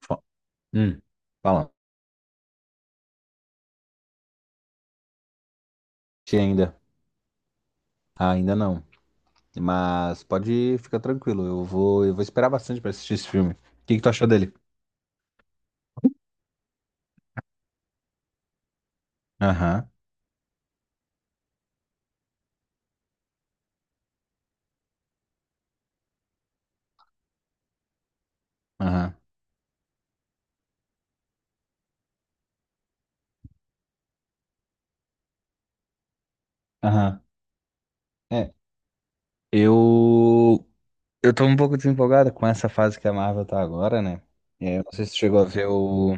Fa- Hum, Fala. Achei Ainda, Ainda não. Mas pode ficar tranquilo. Eu vou esperar bastante pra assistir esse filme. O que que tu achou dele? Aham, aham, aham. É, eu, eu tô um pouco desempolgado com essa fase que a Marvel tá agora, né? É, eu não sei se tu chegou a ver o,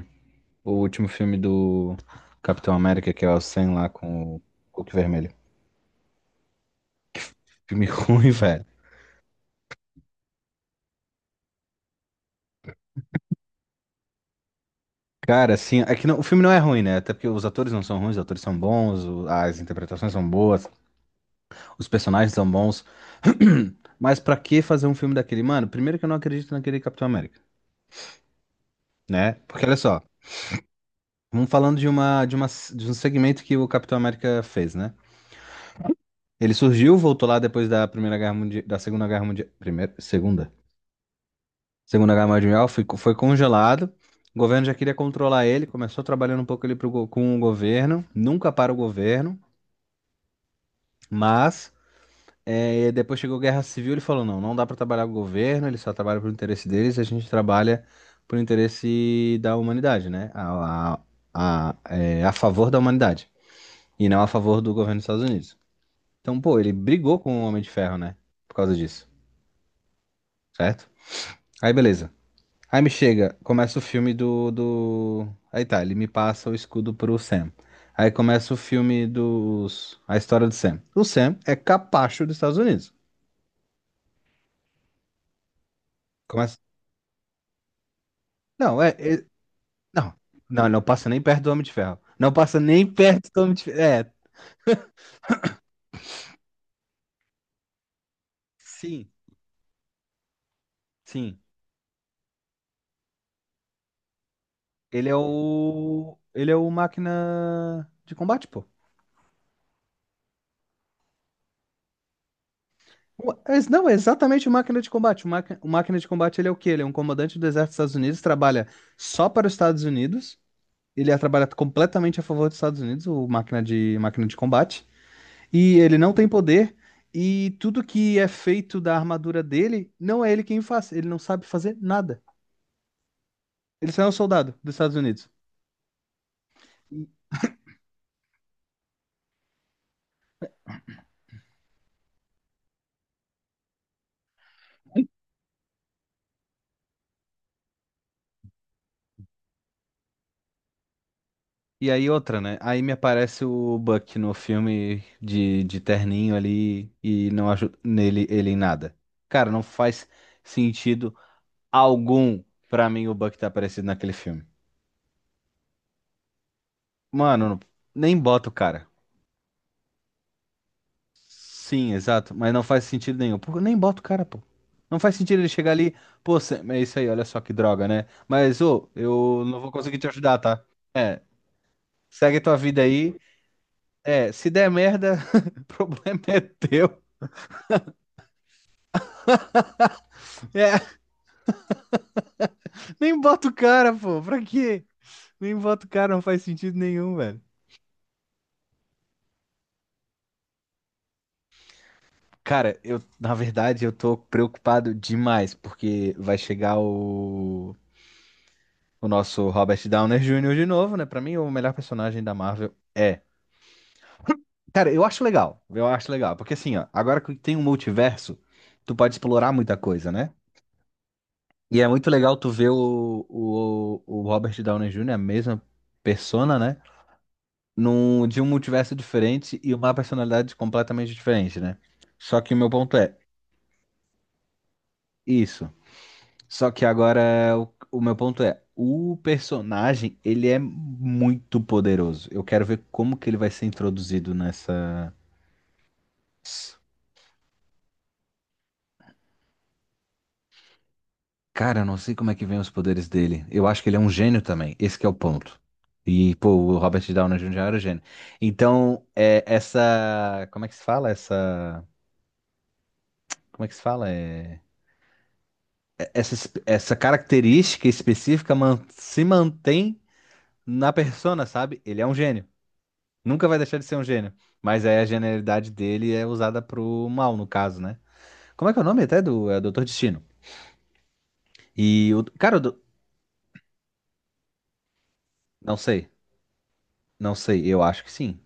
o último filme do Capitão América, que é o Sam lá com o Hulk Vermelho. Filme ruim, velho. Cara, assim, é que o filme não é ruim, né? Até porque os atores não são ruins, os atores são bons, as interpretações são boas. Os personagens são bons. Mas pra que fazer um filme daquele? Mano, primeiro que eu não acredito naquele Capitão América, né? Porque olha só, vamos falando de um segmento que o Capitão América fez, né? Ele surgiu, voltou lá depois da Primeira Guerra Mundial, da Segunda Guerra Mundial, primeira, segunda, Segunda Guerra Mundial, foi congelado. O governo já queria controlar ele, começou trabalhando um pouco ali com o governo, nunca para o governo, mas é, e depois chegou Guerra Civil, ele falou, não, não dá para trabalhar com o governo, ele só trabalha pro interesse deles, a gente trabalha pro interesse da humanidade, né? A favor da humanidade, e não a favor do governo dos Estados Unidos. Então, pô, ele brigou com o Homem de Ferro, né? Por causa disso, certo? Aí, beleza. Aí me chega, começa o filme Aí tá, ele me passa o escudo pro Sam. Aí começa o filme dos... A história do Sam. O Sam é capacho dos Estados Unidos. Começa... Não, é, não, não, não passa nem perto do Homem de Ferro. Não passa nem perto do Homem de Ferro. É, sim, sim. Ele é o máquina de combate, pô. Não, é exatamente o máquina de combate. O máquina de combate, ele é o quê? Ele é um comandante do exército dos Estados Unidos, trabalha só para os Estados Unidos. Trabalha completamente a favor dos Estados Unidos, o máquina máquina de combate. E ele não tem poder. E tudo que é feito da armadura dele, não é ele quem faz. Ele não sabe fazer nada. Ele só é um soldado dos Estados Unidos. E aí outra, né? Aí me aparece o Buck no filme de terninho ali e não ajuda nele ele em nada. Cara, não faz sentido algum pra mim o Buck tá aparecendo naquele filme. Mano, não- Nem bota o cara. Sim, exato, mas não faz sentido nenhum. Pô, nem bota o cara, pô. Não faz sentido ele chegar ali, pô, Sam, é isso aí, olha só que droga, né? Mas, ô, eu não vou conseguir te ajudar, tá? É, segue tua vida aí. É, se der merda, o problema é teu. É. Nem bota o cara, pô. Pra quê? Nem bota o cara, não faz sentido nenhum, velho. Cara, eu, na verdade, eu tô preocupado demais, porque vai chegar o nosso Robert Downey Jr. de novo, né? Pra mim, o melhor personagem da Marvel é. Cara, eu acho legal. Eu acho legal. Porque assim, ó, agora que tem um multiverso, tu pode explorar muita coisa, né? E é muito legal tu ver o Robert Downey Jr., a mesma persona, né? Num, de um multiverso diferente e uma personalidade completamente diferente, né? Só que o meu ponto é isso. Só que agora o meu ponto é, o personagem, ele é muito poderoso. Eu quero ver como que ele vai ser introduzido nessa. Cara, eu não sei como é que vem os poderes dele. Eu acho que ele é um gênio também. Esse que é o ponto. E, pô, o Robert Downey Jr. era um gênio. Então, é, essa. Como é que se fala? Essa. Como é que se fala? Essa, essa característica específica se mantém na persona, sabe? Ele é um gênio. Nunca vai deixar de ser um gênio. Mas aí a genialidade dele é usada pro mal, no caso, né? Como é que é o nome até do Doutor Destino? E o. Cara, o do- Não sei. Não sei. Eu acho que sim.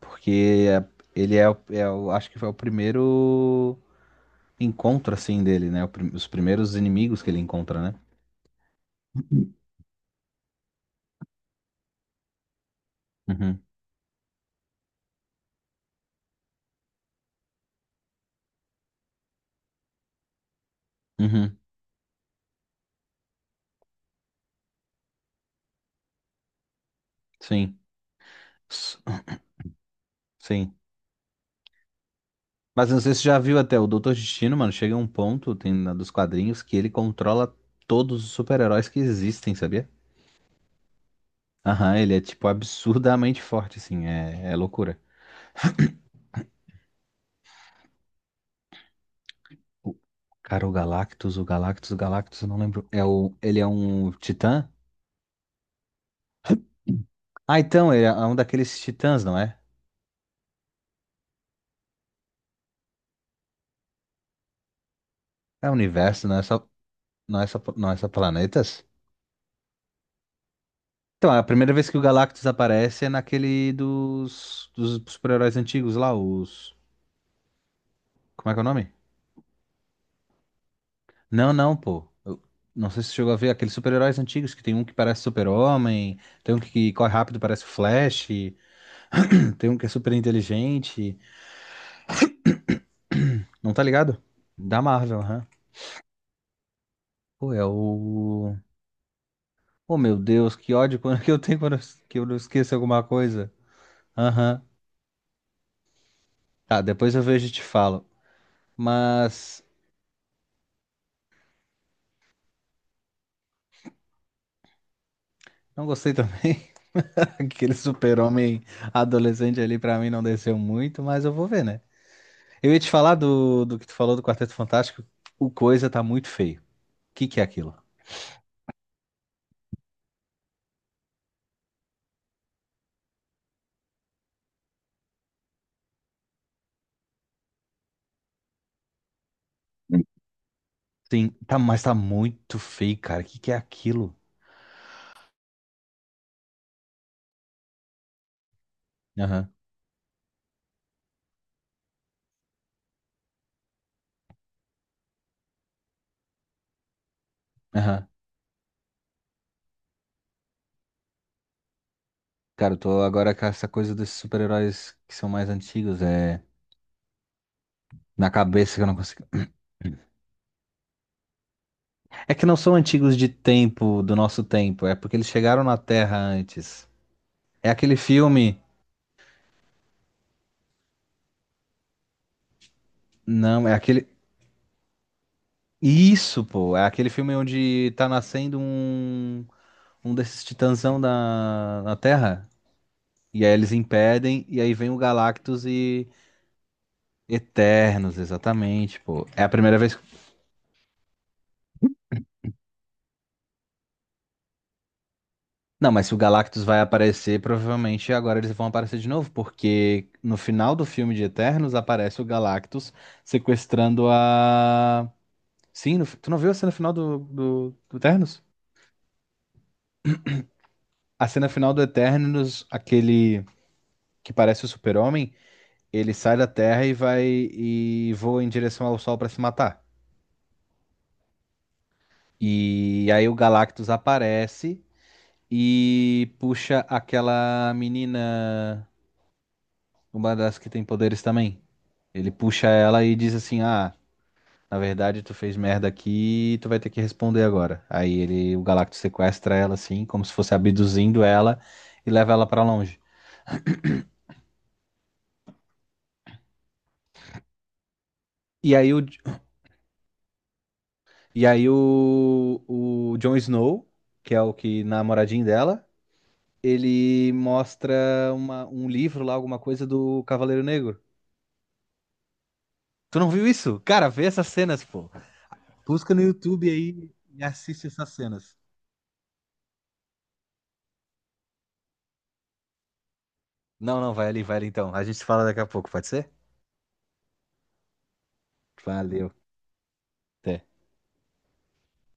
Porque é- ele é, o- é o- Acho que foi o primeiro encontro, assim, dele, né? Os primeiros inimigos que ele encontra, né? Uhum. Uhum. Sim. S- Sim. Mas eu não sei se você já viu até o Doutor Destino, mano. Chega um ponto, tem dos quadrinhos, que ele controla todos os super-heróis que existem, sabia? Aham, ele é, tipo, absurdamente forte, assim. É, é loucura. O- Cara, o Galactus, eu não lembro. É o, ele é um titã? Ah, então, ele é um daqueles titãs, não é? É o universo, não é só planetas? Então, é a primeira vez que o Galactus aparece é naquele dos super-heróis antigos lá, os... Como é que é o nome? Não, não, pô. Eu não sei se você chegou a ver aqueles super-heróis antigos, que tem um que parece super-homem, tem um que corre rápido, parece o Flash, tem um que é super inteligente. Não tá ligado? Da Marvel, aham. Pô, é o. Oh, meu Deus, que ódio que eu tenho quando que eu não esqueço alguma coisa. Aham. Tá, depois eu vejo e te falo. Mas não gostei também. Aquele super-homem adolescente ali pra mim não desceu muito, mas eu vou ver, né? Eu ia te falar do que tu falou do Quarteto Fantástico. O coisa tá muito feio. O que que é aquilo? Sim, tá, mas tá muito feio, cara. O que que é aquilo? Aham, aham. Cara, eu tô agora com essa coisa desses super-heróis que são mais antigos, é na cabeça que eu não consigo. É que não são antigos de tempo, do nosso tempo, é porque eles chegaram na Terra antes. É aquele filme. Não, é aquele. Isso, pô! É aquele filme onde tá nascendo um. Um desses titãzão na Terra. E aí eles impedem, e aí vem o Galactus e Eternos, exatamente, pô. É a primeira vez. Não, mas se o Galactus vai aparecer, provavelmente agora eles vão aparecer de novo, porque no final do filme de Eternos aparece o Galactus sequestrando a. Sim, tu não viu a cena final do Eternos? A cena final do Eternos, aquele que parece o Super-Homem, ele sai da Terra e vai e voa em direção ao Sol pra se matar. E aí o Galactus aparece e puxa aquela menina, uma das que tem poderes também. Ele puxa ela e diz assim: Ah, na verdade tu fez merda aqui e tu vai ter que responder agora. Aí ele, o Galactus sequestra ela assim, como se fosse abduzindo ela e leva ela pra longe. E aí o, e aí o Jon Snow, que é o que namoradinho dela, ele mostra uma, um livro lá, alguma coisa do Cavaleiro Negro. Tu não viu isso? Cara, vê essas cenas, pô. Busca no YouTube aí e assiste essas cenas. Não, não, vai ali então. A gente fala daqui a pouco, pode ser? Valeu. Até